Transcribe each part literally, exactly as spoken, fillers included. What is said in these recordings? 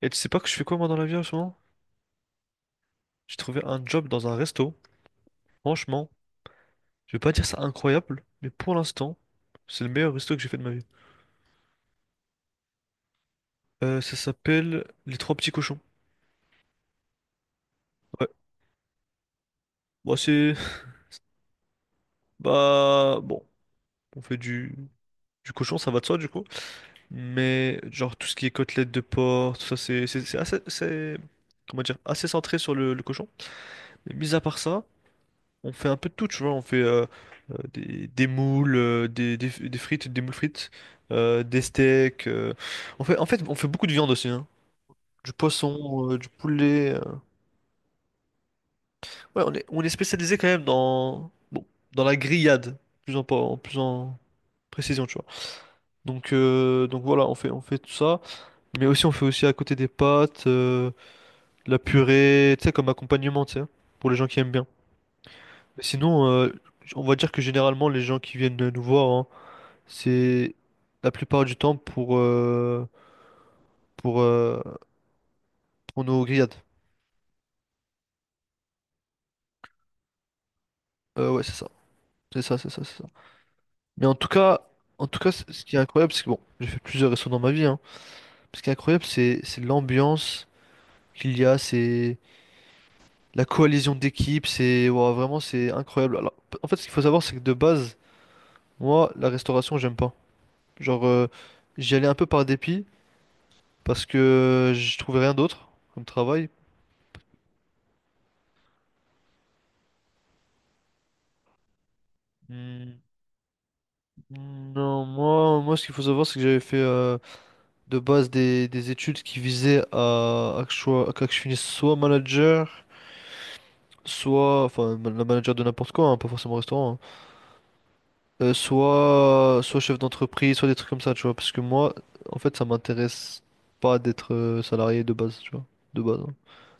Et tu sais pas que je fais quoi moi dans la vie en ce moment? J'ai trouvé un job dans un resto. Franchement, je vais pas dire ça incroyable, mais pour l'instant, c'est le meilleur resto que j'ai fait de ma vie. Euh, ça s'appelle Les Trois Petits Cochons. Ouais. Bah c'est... Bah bon, on fait du... du cochon, ça va de soi du coup. Mais genre tout ce qui est côtelettes de porc, tout ça c'est c'est c'est assez... c'est- Comment dire? Assez centré sur le, le cochon. Mais mis à part ça... On fait un peu de tout, tu vois. On fait euh, euh, des, des moules, euh, des, des, des frites, des moules frites, euh, des steaks. euh. On fait, en fait, on fait beaucoup de viande aussi, hein. Du poisson, euh, du poulet. euh. Ouais, on est, on est spécialisé quand même dans, bon, dans la grillade, plus en, en plus en précision, tu vois. Donc, euh, donc voilà, on fait, on fait tout ça. Mais aussi, on fait aussi à côté des pâtes, euh, de la purée, tu sais, comme accompagnement, tu sais, pour les gens qui aiment bien. Mais sinon, euh, on va dire que généralement, les gens qui viennent nous voir, hein, c'est la plupart du temps pour, euh, pour, euh, pour nos grillades. Euh, ouais, c'est ça. C'est ça, c'est ça, c'est ça. Mais en tout cas, en tout cas, c- ce qui est incroyable, c'est que bon, j'ai fait plusieurs restos dans ma vie, hein. Ce qui est incroyable, c'est c'est l'ambiance qu'il y a, c'est la coalition d'équipes, c'est ouah, vraiment c'est incroyable. Alors, p- en fait, ce qu'il faut savoir, c'est que de base, moi, la restauration, j'aime pas. Genre, euh, j'y allais un peu par dépit parce que je trouvais rien d'autre comme travail. Hmm. Non, moi, moi, ce qu'il faut savoir, c'est que j'avais fait euh, de base des, des études qui visaient à, à, que je sois- à que je finisse soit manager, soit, enfin, ma- la manager de n'importe quoi, hein, pas forcément restaurant, hein, euh, soit, soit chef d'entreprise, soit des trucs comme ça, tu vois. Parce que moi, en fait, ça m'intéresse pas d'être euh, salarié de base, tu vois, de base. Hein.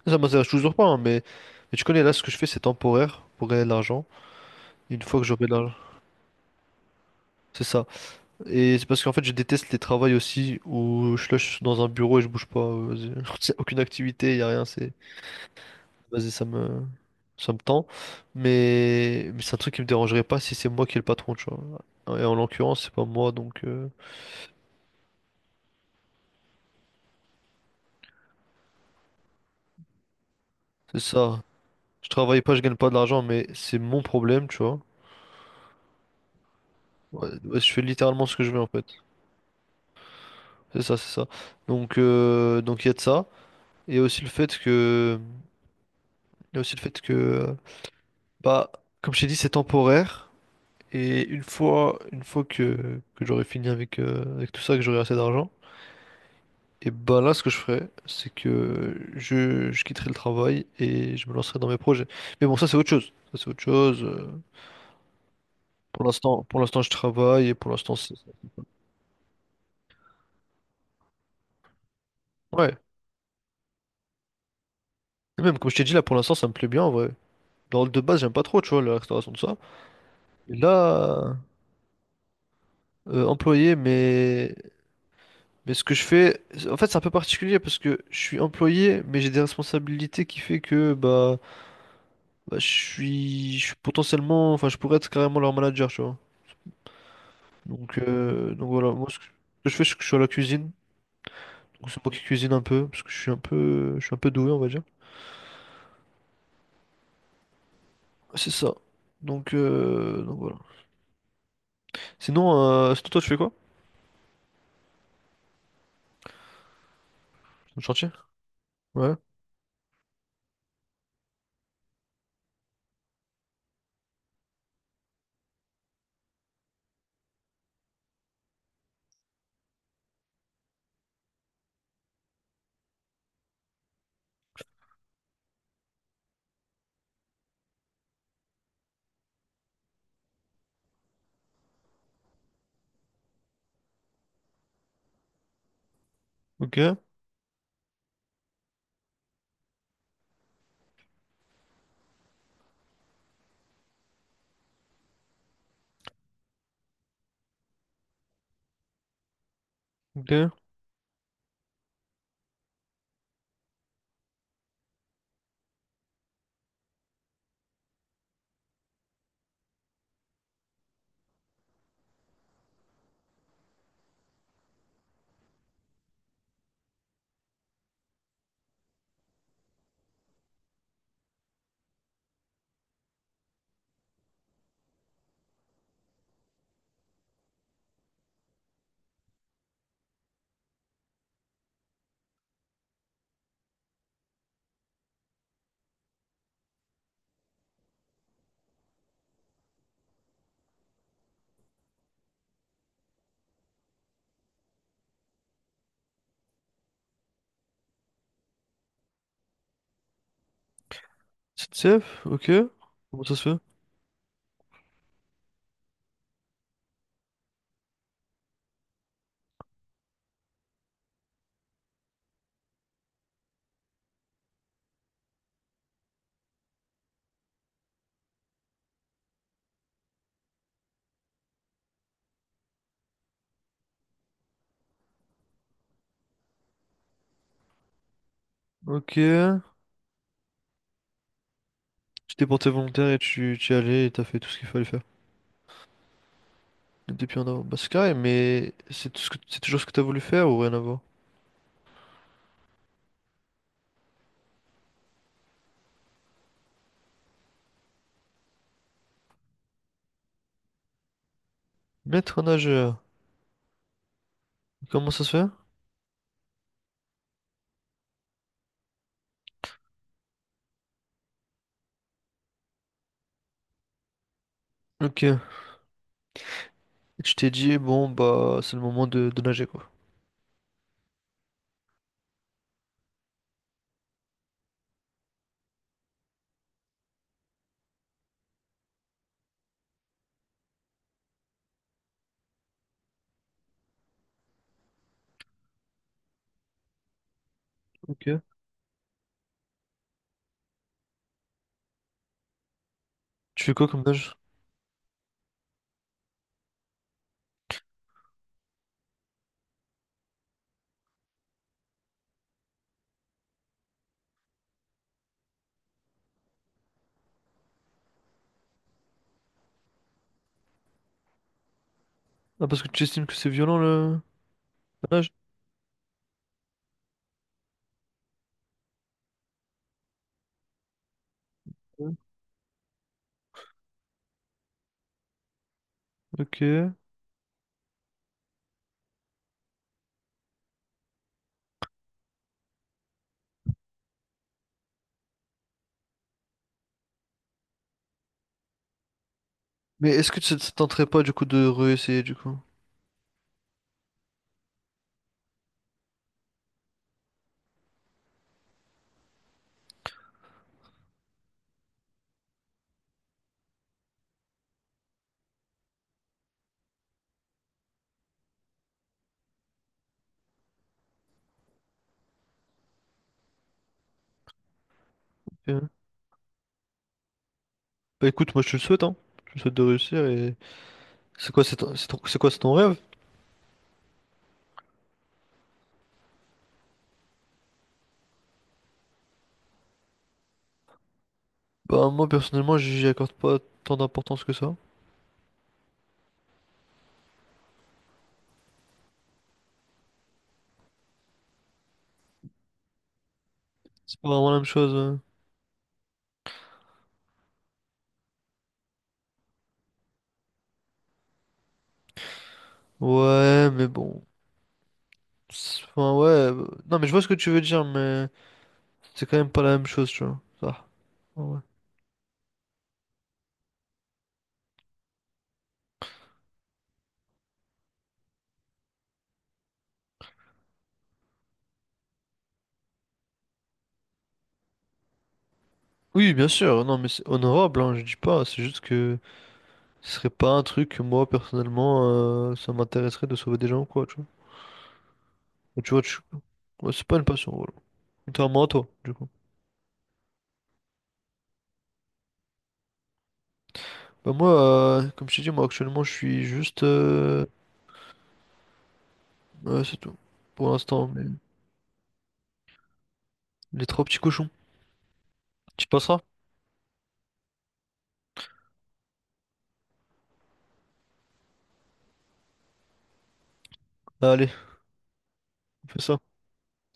Ça m'intéresse toujours pas, hein, mais, mais tu connais, là, ce que je fais, c'est temporaire pour gagner de l'argent. Une fois que j'aurai de l'argent, c'est ça. Et c'est parce qu'en fait, je déteste les travails aussi où je suis là, je suis dans un bureau et je bouge pas. euh, j'ai aucune activité, y a rien, c'est... Vas-y, ça me... ça me tend. Mais, mais c'est un truc qui me dérangerait pas si c'est moi qui est le patron, tu vois. Et en l'occurrence, c'est pas moi, donc euh, c'est ça. Je travaille pas, je gagne pas de l'argent, mais c'est mon problème, tu vois. Ouais, ouais, je fais littéralement ce que je veux, en fait. C'est ça, c'est ça. Donc, euh, donc il y a de ça. Et aussi le fait que... Il y a aussi le fait que... euh, Bah, comme je t'ai dit, c'est temporaire. Et une fois, une fois que, que j'aurai fini avec, euh, avec tout ça, que j'aurai assez d'argent, et ben là, ce que je ferai, c'est que je, je quitterai le travail et je me lancerai dans mes projets. Mais bon, ça, c'est autre chose. Ça, c'est autre chose. euh, Pour l'instant, pour l'instant, je travaille et pour l'instant, c'est... Ouais. Et même, comme je t'ai dit, là, pour l'instant, ça me plaît bien, en vrai. Dans le de base, j'aime pas trop, tu vois, la restauration, de ça. Et là, euh, employé, mais... Mais ce que je fais, en fait, c'est un peu particulier parce que je suis employé, mais j'ai des responsabilités qui fait que, bah... Bah, je suis, je suis potentiellement, enfin, je pourrais être carrément leur manager, tu vois. Donc, euh, donc voilà, moi, ce que ce que je fais, c'est que je suis à la cuisine. Donc, c'est moi qui cuisine un peu, parce que je suis un peu, je suis un peu doué, on va dire. C'est ça. Donc, euh, donc voilà. Sinon, euh, sinon, toi, tu fais quoi? Au chantier? Ouais. Ok. Ok. chef Ok. Comment ça se fait? Ok. Tu t'es porté volontaire et tu, tu y allais et t'as fait tout ce qu'il fallait faire. Depuis en avant. Bah, c'est carré, mais c'est tout ce que, c'est toujours ce que t'as voulu faire ou rien à voir? Maître nageur. Comment ça se fait? Ok. Et tu t'es dit, bon, bah, c'est le moment de, de nager, quoi. Ok. Tu fais quoi comme nage? Ah, parce que tu estimes que c'est violent, le la nage? Ouais. Ok. Mais est-ce que ça ça te tenterait pas, du coup, de réessayer, du coup? Ok. Bah, écoute, moi, je te le souhaite, hein. Je te souhaite de réussir et... C'est quoi, c'est ton... c'est ton- c'est quoi, c'est ton rêve? Bah, moi, personnellement, j'y accorde pas tant d'importance que ça. C'est pas vraiment la même chose. euh. Ouais, mais bon. C'est- Enfin, ouais. euh, Non, mais je vois ce que tu veux dire, mais c'est quand même pas la même chose, tu vois. Ça. Ah, Ouais. Oui, bien sûr, non, mais c'est honorable, hein, je dis pas, c'est juste que ce serait pas un truc que moi, personnellement, euh, ça m'intéresserait de sauver des gens ou quoi, tu vois. Mais tu vois, tu- ouais, c'est pas une passion, voilà. Contrairement à toi, du coup. Bah moi, euh, comme je t'ai dit, moi, actuellement, je suis juste... euh, ouais, c'est tout, pour l'instant, mais les trois petits cochons. Tu passeras? Bah, Allez, on fait ça.